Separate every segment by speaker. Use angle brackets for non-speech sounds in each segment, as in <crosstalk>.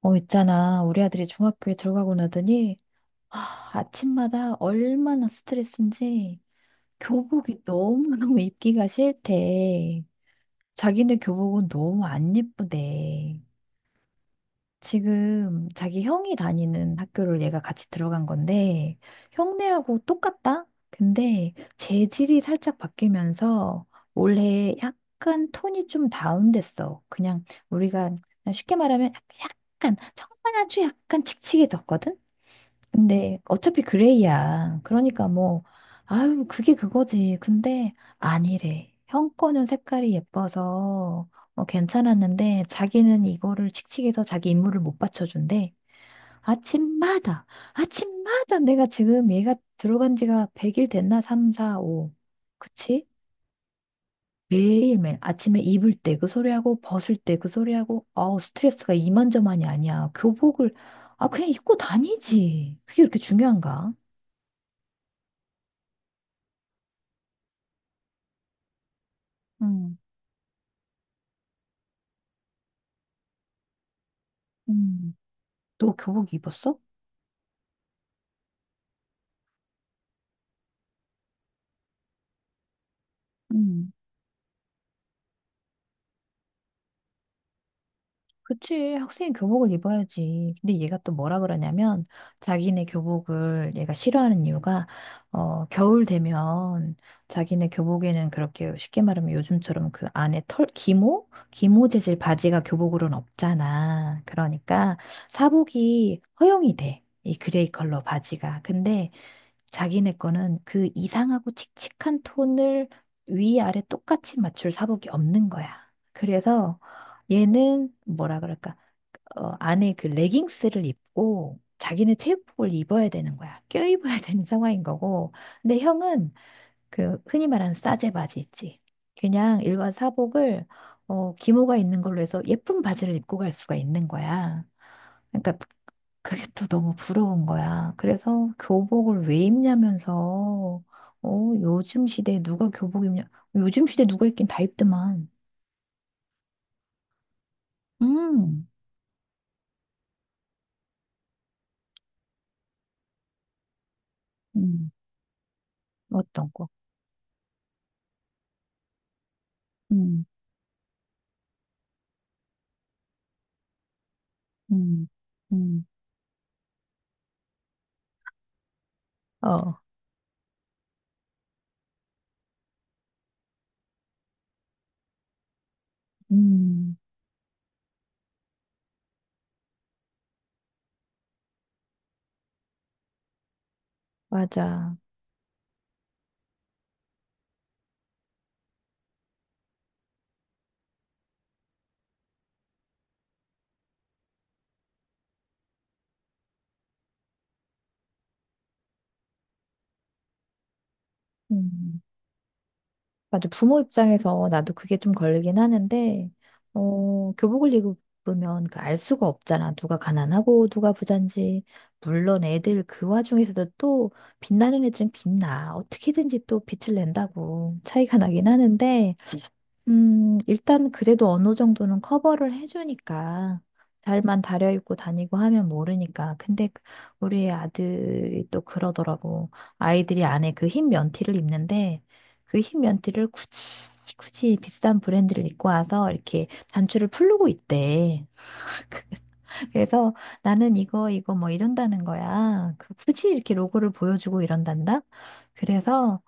Speaker 1: 있잖아. 우리 아들이 중학교에 들어가고 나더니, 아, 아침마다 얼마나 스트레스인지 교복이 너무너무 입기가 싫대. 자기네 교복은 너무 안 예쁘대. 지금 자기 형이 다니는 학교를 얘가 같이 들어간 건데, 형네하고 똑같다? 근데 재질이 살짝 바뀌면서 올해 약간 톤이 좀 다운됐어. 그냥 우리가 쉽게 말하면 약간, 정말 아주 약간 칙칙해졌거든? 근데 어차피 그레이야. 그러니까 뭐, 아유, 그게 그거지. 근데 아니래. 형 거는 색깔이 예뻐서 괜찮았는데 자기는 이거를 칙칙해서 자기 임무를 못 받쳐준대. 아침마다, 아침마다 내가 지금 얘가 들어간 지가 100일 됐나? 3, 4, 5. 그치? 매일매일 아침에 입을 때 그 소리하고 벗을 때 그 소리하고 아우 스트레스가 이만저만이 아니야. 교복을 아 그냥 입고 다니지. 그게 그렇게 중요한가? 음, 음. 너 교복 입었어? 음. 그치, 학생이 교복을 입어야지. 근데 얘가 또 뭐라 그러냐면, 자기네 교복을 얘가 싫어하는 이유가, 겨울 되면 자기네 교복에는 그렇게 쉽게 말하면 요즘처럼 그 안에 털, 기모? 기모 재질 바지가 교복으로는 없잖아. 그러니까 사복이 허용이 돼. 이 그레이 컬러 바지가. 근데 자기네 거는 그 이상하고 칙칙한 톤을 위아래 똑같이 맞출 사복이 없는 거야. 그래서 얘는 뭐라 그럴까? 안에 그 레깅스를 입고 자기는 체육복을 입어야 되는 거야. 껴입어야 <laughs> 되는 상황인 거고. 근데 형은 그 흔히 말하는 싸제 바지 있지. 그냥 일반 사복을 기모가 있는 걸로 해서 예쁜 바지를 입고 갈 수가 있는 거야. 그러니까 그게 또 너무 부러운 거야. 그래서 교복을 왜 입냐면서 요즘 시대에 누가 교복 입냐? 요즘 시대에 누가 입긴 다 입더만. 음, 음, 어떤 거? 음, 음, 음, 어, 음, 맞아. 음, 맞아. 부모 입장에서 나도 그게 좀 걸리긴 하는데, 교복을 입으면 그 알 수가 없잖아. 누가 가난하고 누가 부잔지. 물론 애들 그 와중에서도 또 빛나는 애들은 빛나. 어떻게든지 또 빛을 낸다고 차이가 나긴 하는데, 일단 그래도 어느 정도는 커버를 해주니까 잘만 다려입고 다니고 하면 모르니까. 근데 우리 아들이 또 그러더라고. 아이들이 안에 그 흰 면티를 입는데 그 흰 면티를 굳이 굳이 비싼 브랜드를 입고 와서 이렇게 단추를 풀르고 있대. <laughs> 그래서 나는 이거 이거 뭐 이런다는 거야. 그 굳이 이렇게 로고를 보여주고 이런단다. 그래서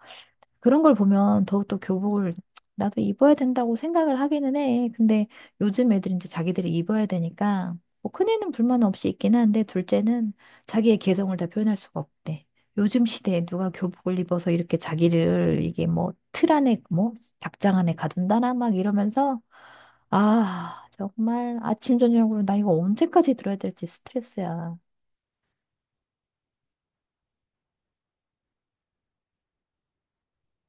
Speaker 1: 그런 걸 보면 더욱더 교복을 나도 입어야 된다고 생각을 하기는 해. 근데 요즘 애들이 이제 자기들이 입어야 되니까 뭐 큰애는 불만 없이 입긴 한데 둘째는 자기의 개성을 다 표현할 수가 없대. 요즘 시대에 누가 교복을 입어서 이렇게 자기를 이게 뭐 틀 안에 뭐 닭장 안에 가둔다나 막 이러면서 아 정말 아침 저녁으로 나 이거 언제까지 들어야 될지 스트레스야.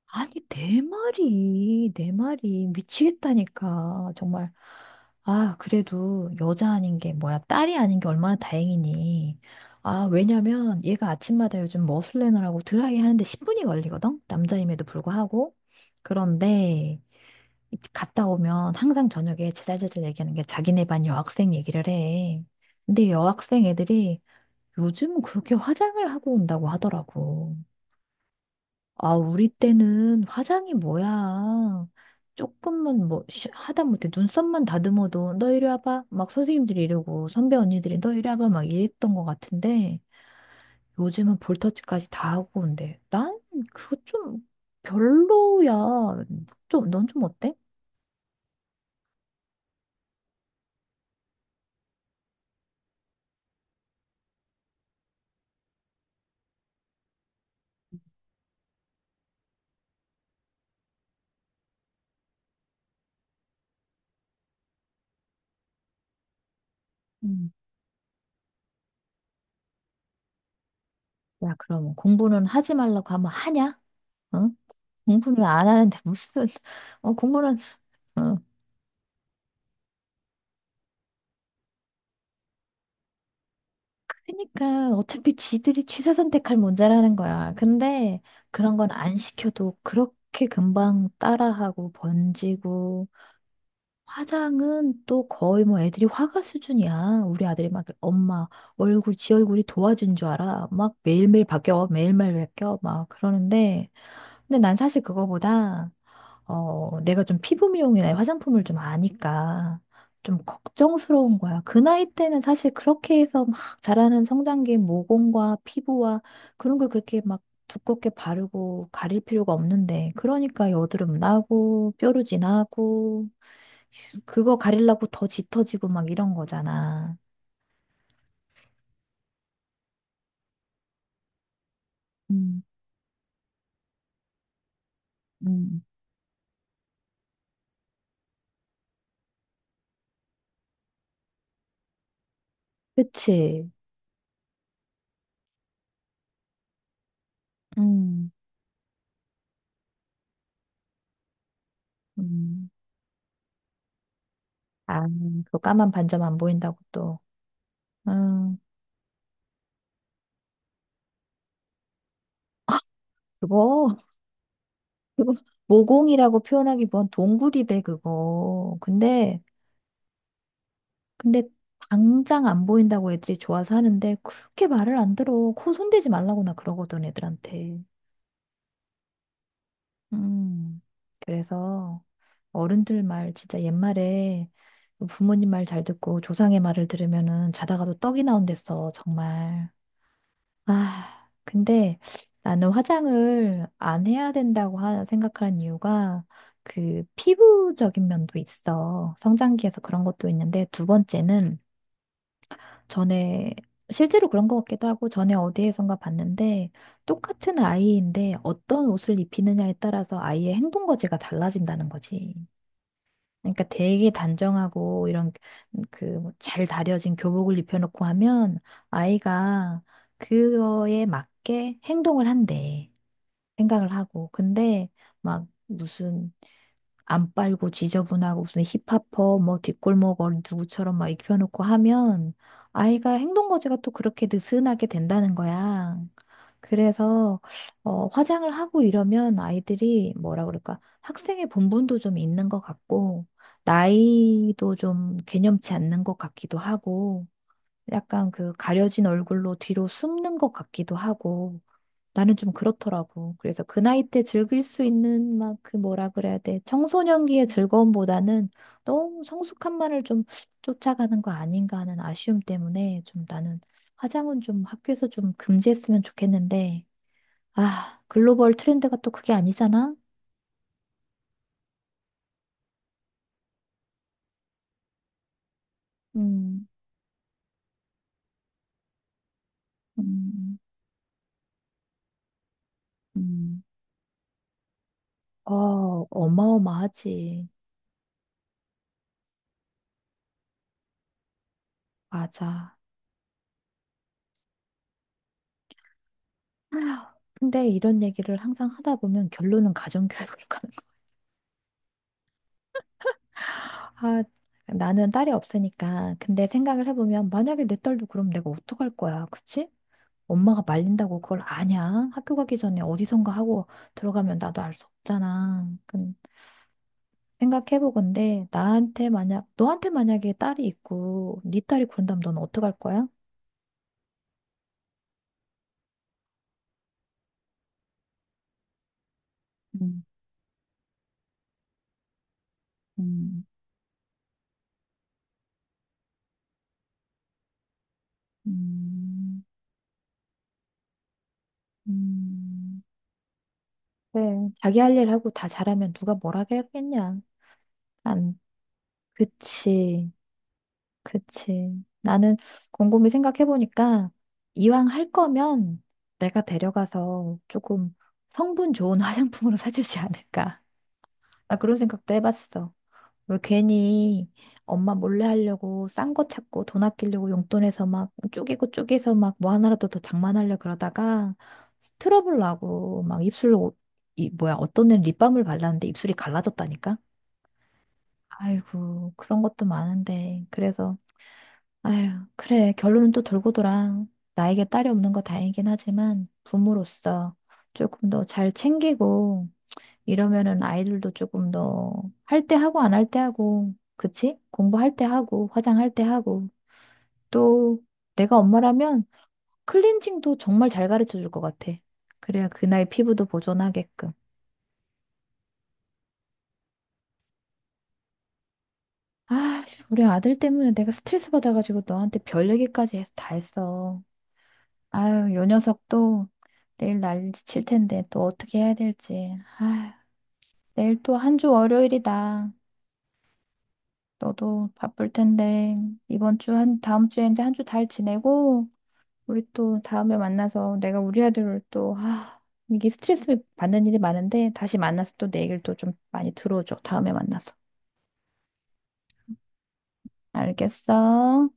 Speaker 1: 아니, 네 마리, 네 마리. 미치겠다니까. 정말. 아, 그래도 여자 아닌 게 뭐야. 딸이 아닌 게 얼마나 다행이니. 아, 왜냐면 얘가 아침마다 요즘 머슬레너라고 드라이 하는데 10분이 걸리거든? 남자임에도 불구하고. 그런데 갔다 오면 항상 저녁에 제잘제잘 얘기하는 게 자기네 반 여학생 얘기를 해. 근데 여학생 애들이 요즘 그렇게 화장을 하고 온다고 하더라고. 아, 우리 때는 화장이 뭐야. 조금만 뭐, 하다못해 눈썹만 다듬어도 너 이리 와봐. 막 선생님들이 이러고 선배 언니들이 너 이리 와봐. 막 이랬던 것 같은데 요즘은 볼터치까지 다 하고 온대. 난 그거 좀 별로야. 좀, 넌 좀 어때? 음. 야, 그럼 공부는 하지 말라고 하면 하냐? 응? 공부는 안 하는데 무슨, <laughs> 공부는, 어, 그니까 러 어차피 지들이 취사 선택할 문제라는 거야. 근데 그런 건 안 시켜도 그렇게 금방 따라하고 번지고 화장은 또 거의 뭐 애들이 화가 수준이야. 우리 아들이 막 엄마 얼굴 지 얼굴이 도와준 줄 알아. 막 매일매일 바뀌어 매일매일 바뀌어 막 그러는데 근데 난 사실 그거보다 내가 좀 피부 미용이나 화장품을 좀 아니까 좀 걱정스러운 거야. 그 나이 때는 사실 그렇게 해서 막 자라는 성장기 모공과 피부와 그런 걸 그렇게 막 두껍게 바르고 가릴 필요가 없는데 그러니까 여드름 나고 뾰루지 나고 그거 가리려고 더 짙어지고 막 이런 거잖아. 음, 음, 그치? 음. 음. 아, 그 까만 반점 안 보인다고 또. 음, 그거 그거 모공이라고 표현하기보단 동굴이대 그거. 근데 당장 안 보인다고 애들이 좋아서 하는데 그렇게 말을 안 들어. 코 손대지 말라고 나 그러거든 애들한테. 음. 그래서 어른들 말 진짜 옛말에 부모님 말 잘 듣고 조상의 말을 들으면은 자다가도 떡이 나온댔어 정말. 아, 근데 나는 화장을 안 해야 된다고 생각하는 이유가 그 피부적인 면도 있어. 성장기에서 그런 것도 있는데 두 번째는 전에 실제로 그런 것 같기도 하고 전에 어디에선가 봤는데 똑같은 아이인데 어떤 옷을 입히느냐에 따라서 아이의 행동 거지가 달라진다는 거지. 그러니까 되게 단정하고 이런 그 뭐 잘 다려진 교복을 입혀놓고 하면 아이가 그거에 맞게 행동을 한대. 생각을 하고. 근데 막 무슨 안 빨고 지저분하고 무슨 힙합퍼 뭐 뒷골목 어린 누구처럼 막 입혀놓고 하면 아이가 행동 거지가 또 그렇게 느슨하게 된다는 거야. 그래서 화장을 하고 이러면 아이들이 뭐라 그럴까 학생의 본분도 좀 있는 것 같고 나이도 좀 개념치 않는 것 같기도 하고 약간 그 가려진 얼굴로 뒤로 숨는 것 같기도 하고 나는 좀 그렇더라고. 그래서 그 나이 때 즐길 수 있는 막 그 뭐라 그래야 돼. 청소년기의 즐거움보다는 너무 성숙함만을 좀 쫓아가는 거 아닌가 하는 아쉬움 때문에 좀 나는 화장은 좀 학교에서 좀 금지했으면 좋겠는데, 아, 글로벌 트렌드가 또 그게 아니잖아? 음, 음, 음. 어, 어마어마하지. 맞아. 아휴, 근데 이런 얘기를 항상 하다 보면 결론은 가정교육으로 가. 아, 나는 딸이 없으니까. 근데 생각을 해보면, 만약에 내 딸도 그럼 내가 어떡할 거야, 그치? 엄마가 말린다고 그걸 아냐? 학교 가기 전에 어디선가 하고 들어가면 나도 알 수 없잖아. 그 생각해보건데, 나한테 만약, 너한테 만약에 딸이 있고, 네 딸이 그런다면 넌 어떡할 거야? 음, 음, 음, 음. 네. 자기 할 일 하고 다 잘하면 누가 뭐라 하겠냐? 안, 그치. 그치. 나는 곰곰이 생각해보니까 이왕 할 거면 내가 데려가서 조금 성분 좋은 <laughs> 화장품으로 사주지 않을까. 나 그런 생각도 해봤어. 왜 괜히 엄마 몰래 하려고 싼 거 찾고 돈 아끼려고 용돈에서 막 쪼개고 쪼개서 막 뭐 하나라도 더 장만하려 그러다가 트러블 나고 막 입술로 이 뭐야 어떤 애는 립밤을 발랐는데 입술이 갈라졌다니까? 아이고 그런 것도 많은데 그래서 아휴, 그래. 결론은 또 돌고 돌아. 나에게 딸이 없는 거 다행이긴 하지만 부모로서 조금 더 잘 챙기고 이러면은 아이들도 조금 더 할 때 하고 안 할 때 하고, 그치? 공부할 때 하고, 화장할 때 하고. 또 내가 엄마라면 클렌징도 정말 잘 가르쳐 줄 것 같아. 그래야 그 나이 피부도 보존하게끔. 아, 씨, 우리 아들 때문에 내가 스트레스 받아가지고 너한테 별 얘기까지 해서 다 했어. 아유, 요 녀석도 내일 난리칠 텐데 또 어떻게 해야 될지. 아유, 내일 또 한 주 월요일이다. 너도 바쁠 텐데 이번 주 한 다음 주에 이제 한 주 잘 지내고 우리 또 다음에 만나서 내가 우리 아들을 또 아, 이게 스트레스 받는 일이 많은데 다시 만나서 또 내 얘기를 또 좀 많이 들어줘. 다음에 만나서. 알겠어?